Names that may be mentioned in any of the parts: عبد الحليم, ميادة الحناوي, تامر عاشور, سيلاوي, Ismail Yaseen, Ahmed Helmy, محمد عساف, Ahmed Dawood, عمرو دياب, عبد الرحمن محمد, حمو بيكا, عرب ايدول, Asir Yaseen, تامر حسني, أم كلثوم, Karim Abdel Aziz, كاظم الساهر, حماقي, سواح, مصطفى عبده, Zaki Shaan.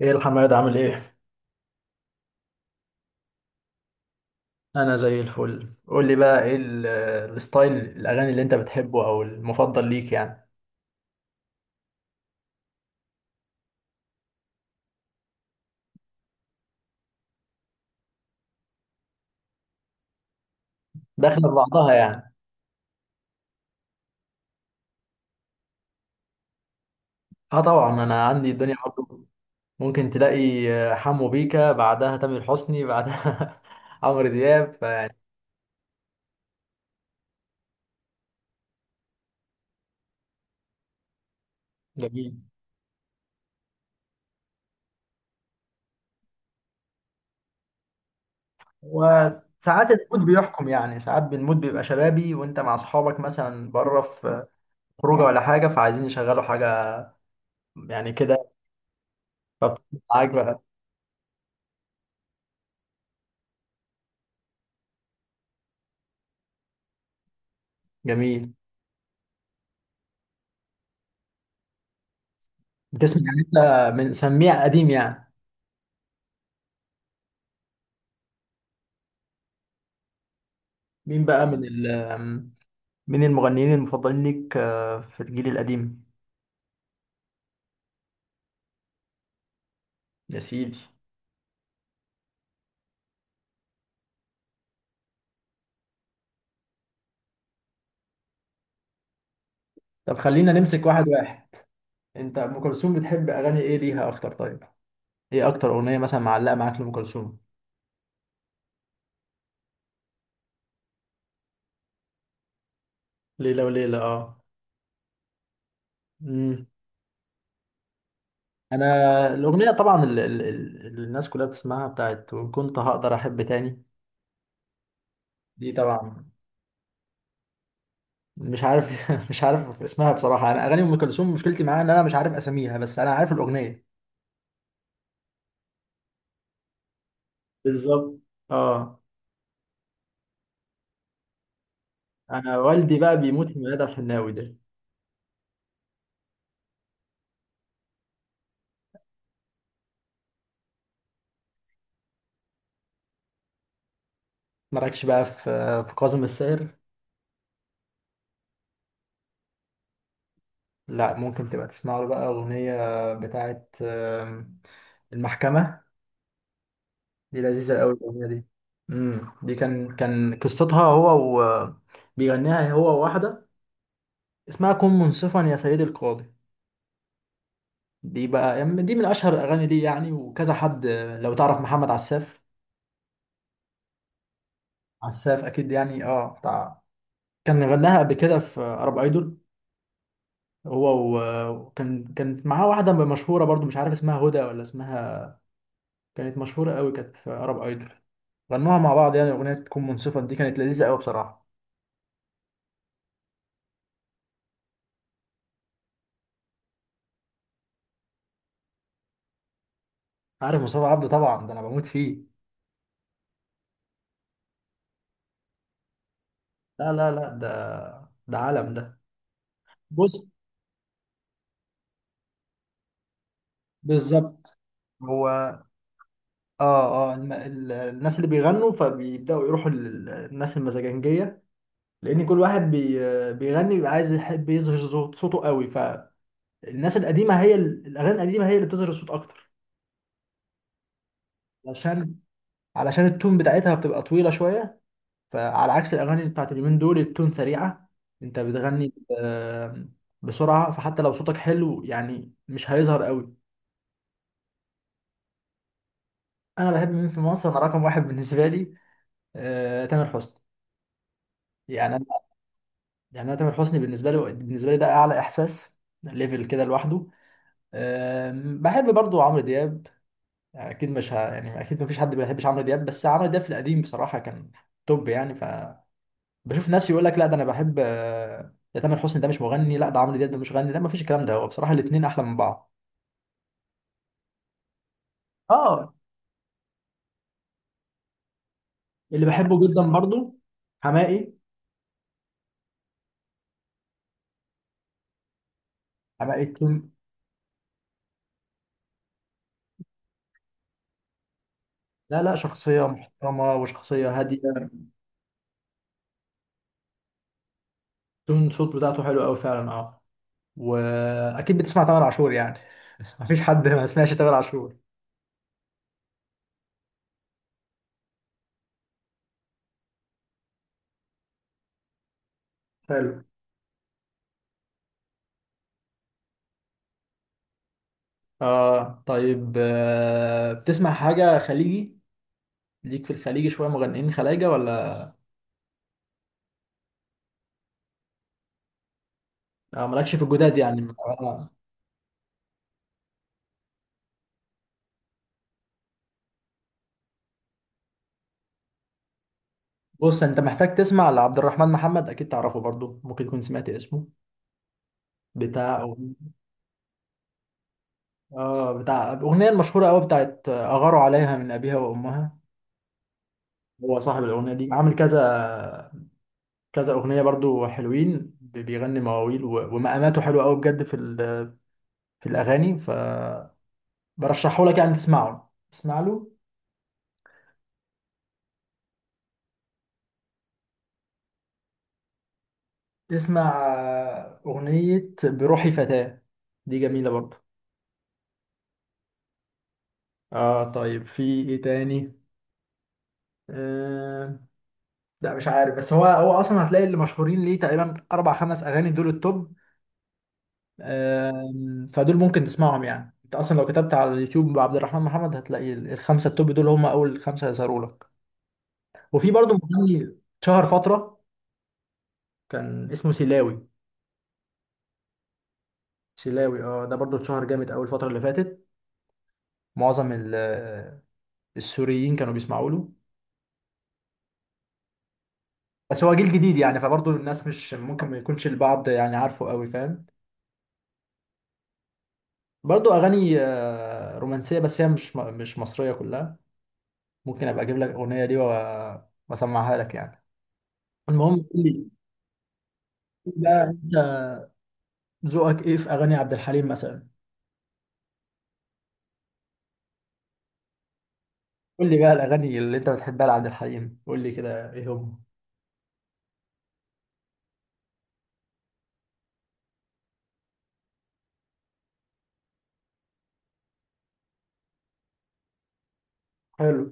ايه الحماد، عامل ايه؟ انا زي الفل. قول لي بقى ايه الستايل الاغاني اللي انت بتحبه او المفضل ليك يعني؟ داخله في بعضها يعني. اه طبعا انا عندي الدنيا برضه. ممكن تلاقي حمو بيكا، بعدها تامر حسني، بعدها عمرو دياب فيعني. جميل. وساعات المود بيحكم، يعني ساعات المود بيبقى شبابي، وانت مع اصحابك مثلا بره في خروجه ولا حاجه فعايزين يشغلوا حاجه يعني كده. فبتبقى معاك بقى. جميل. بتسمع يعني انت من سميع قديم يعني؟ مين بقى من المغنيين المفضلين ليك في الجيل القديم؟ يا سيدي. طب خلينا نمسك واحد واحد. انت ام كلثوم بتحب اغاني ايه ليها اكتر؟ طيب ايه اكتر اغنيه مثلا معلقه معاك لام كلثوم؟ ليلة وليلة اه. امم، انا الاغنيه طبعا اللي الناس كلها بتسمعها بتاعت وان كنت هقدر احب تاني. دي طبعا. مش عارف مش عارف اسمها بصراحه. انا اغاني ام كلثوم مشكلتي معاها ان انا مش عارف اساميها، بس انا عارف الاغنيه. بالظبط. اه. انا والدي بقى بيموت في ميادة الحناوي ده. مالكش بقى في كاظم الساهر؟ لا، ممكن تبقى تسمع له بقى اغنيه بتاعت المحكمه. دي لذيذه قوي الاغنيه دي. امم، دي كان قصتها هو و بيغنيها هو وواحده اسمها كن منصفا يا سيدي القاضي. دي بقى يعني دي من اشهر الاغاني دي يعني، وكذا حد. لو تعرف محمد عساف. عساف اكيد يعني، بتاع. كان غناها قبل كده في عرب ايدول. هو و- وكان كانت معاه واحدة مشهورة برضو، مش عارف اسمها هدى ولا اسمها. كانت مشهورة قوي كانت في عرب ايدول. غنوها مع بعض يعني. أغنية تكون منصفة دي كانت لذيذة قوي بصراحة. عارف مصطفى عبده طبعا، ده أنا بموت فيه. لا لا لا، ده عالم ده. بص، بالظبط. هو اه اه الم... ال... الناس اللي بيغنوا فبيبدأوا يروحوا للناس المزاجنجية لأن كل واحد بيغني بيبقى عايز يحب يظهر صوته قوي. فالناس القديمة، هي الأغاني القديمة هي اللي بتظهر الصوت أكتر. عشان علشان التون بتاعتها بتبقى طويلة شوية، فعلى عكس الأغاني بتاعت اليومين دول التون سريعة. أنت بتغني آه، بسرعة فحتى لو صوتك حلو يعني مش هيظهر قوي. أنا بحب مين في مصر؟ أنا رقم واحد بالنسبة لي تامر حسني. يعني أنا، يعني أنا تامر حسني بالنسبة لي ده أعلى إحساس. ده ليفل كده لوحده. بحب برضو عمرو دياب. أكيد مش ه... يعني أكيد مفيش حد ما بيحبش عمرو دياب، بس عمرو دياب في القديم بصراحة كان توب يعني. بشوف ناس يقول لك لا ده انا بحب، ده تامر حسني ده مش مغني، لا ده عمرو دياب ده مش مغني. لا، مفيش الكلام ده، هو بصراحه الاثنين احلى من بعض. اه، اللي بحبه جدا برضو حماقي. حماقي تون. لا لا، شخصية محترمة وشخصية هادية. تون صوت بتاعته حلو قوي فعلا، اه. وأكيد بتسمع تامر عاشور يعني. مفيش حد ما سمعش تامر عاشور. حلو. اه طيب، بتسمع حاجة خليجي؟ ليك في الخليجي شوية مغنيين خلايجة ولا؟ آه، مالكش في الجداد يعني؟ آه. بص انت محتاج تسمع لعبد الرحمن محمد، اكيد تعرفه برضو، ممكن تكون سمعت اسمه. بتاع، اه بتاع الاغنيه المشهوره قوي بتاعت اغاروا عليها من ابيها وامها. هو صاحب الاغنيه دي. عامل كذا كذا اغنيه برضو حلوين، بيغني مواويل ومقاماته حلوه قوي بجد في الاغاني. فبرشحه لك يعني، تسمعه، اسمع له. اسمع اغنيه بروحي فتاه. دي جميله برضو. اه طيب، في ايه تاني؟ آه، لا مش عارف، بس هو اصلا هتلاقي اللي مشهورين ليه تقريبا اربع خمس اغاني دول التوب. فدول ممكن تسمعهم يعني، انت اصلا لو كتبت على اليوتيوب عبد الرحمن محمد هتلاقي الخمسه التوب دول هم اول خمسه يظهروا لك. وفي برضو مغني شهر فتره كان اسمه سيلاوي. سيلاوي اه، ده برضو اتشهر جامد اول الفتره اللي فاتت. معظم السوريين كانوا بيسمعوا له. بس هو جيل جديد يعني، فبرضو الناس مش ممكن ما يكونش البعض يعني عارفه قوي، فاهم. برضو اغاني رومانسيه، بس هي مش مصريه كلها. ممكن ابقى اجيب لك الاغنيه دي واسمعها لك يعني. المهم قول لي. قول لي بقى انت ذوقك ايه في اغاني عبد الحليم مثلا. قول لي بقى الاغاني اللي انت بتحبها لعبد الحليم، قول لي كده ايه هم. حلو.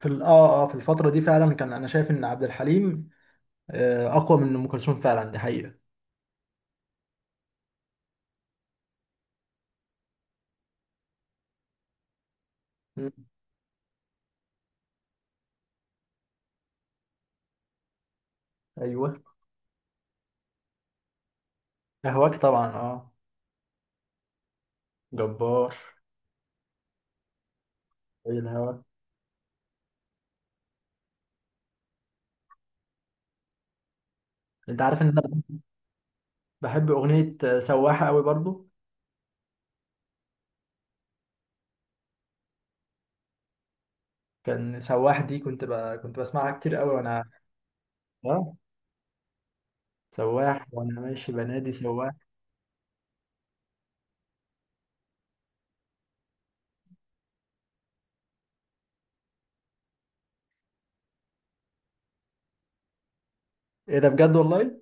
في في الفتره دي فعلا كان، انا شايف ان عبد الحليم اقوى من ام كلثوم فعلا، دي حقيقه. مم. ايوه. اهواك طبعا، اه. جبار. اي الهوا. انت عارف ان انا بحب اغنيه سواحه قوي برضو. كان سواح دي كنت بسمعها كتير قوي وانا. اه سواح وانا ماشي بنادي سواح. ايه ده بجد، والله؟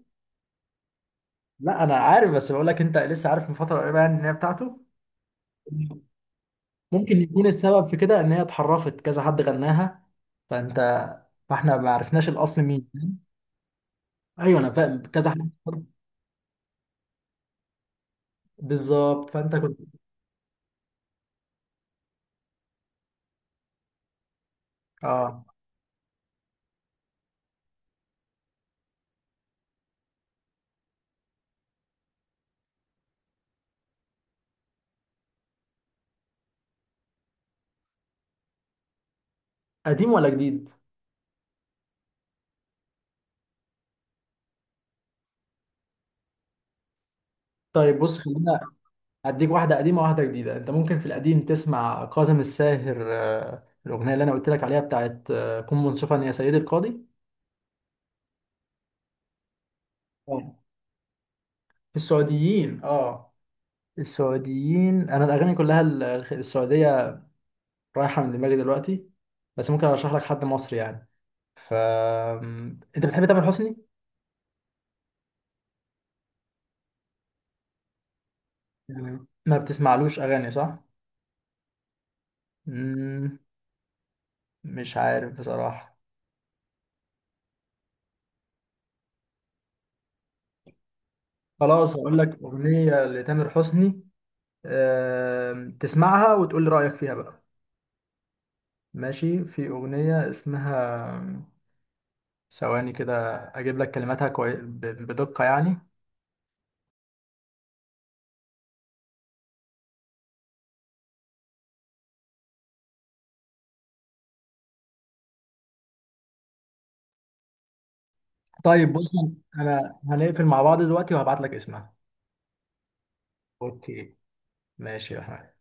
لا انا عارف، بس بقول لك انت لسه عارف من فتره قريبه يعني ان هي بتاعته. ممكن يكون السبب في كده ان هي اتحرفت كذا حد غناها فانت فاحنا ما عرفناش الاصل مين. ايوه انا فاهم كذا حد. بالظبط فانت كنت. اه. قديم ولا جديد؟ طيب بص خلينا اديك واحده قديمه واحده جديده. انت ممكن في القديم تسمع كاظم الساهر، الاغنيه اللي انا قلت لك عليها بتاعت كن منصفا يا سيدي القاضي. آه. في السعوديين اه، السعوديين انا الاغاني كلها السعوديه رايحه من دماغي دلوقتي. بس ممكن ارشح لك حد مصري يعني. ف انت بتحب تامر حسني. تمام، ما بتسمعلوش اغاني صح. مم، مش عارف بصراحه. خلاص هقول لك اغنيه لتامر حسني. آم، تسمعها وتقول لي رايك فيها بقى. ماشي. في اغنيه اسمها ثواني كده اجيب لك كلماتها بدقه يعني. طيب بص انا هنقفل مع بعض دلوقتي وهبعت لك اسمها. اوكي. ماشي يا احمد.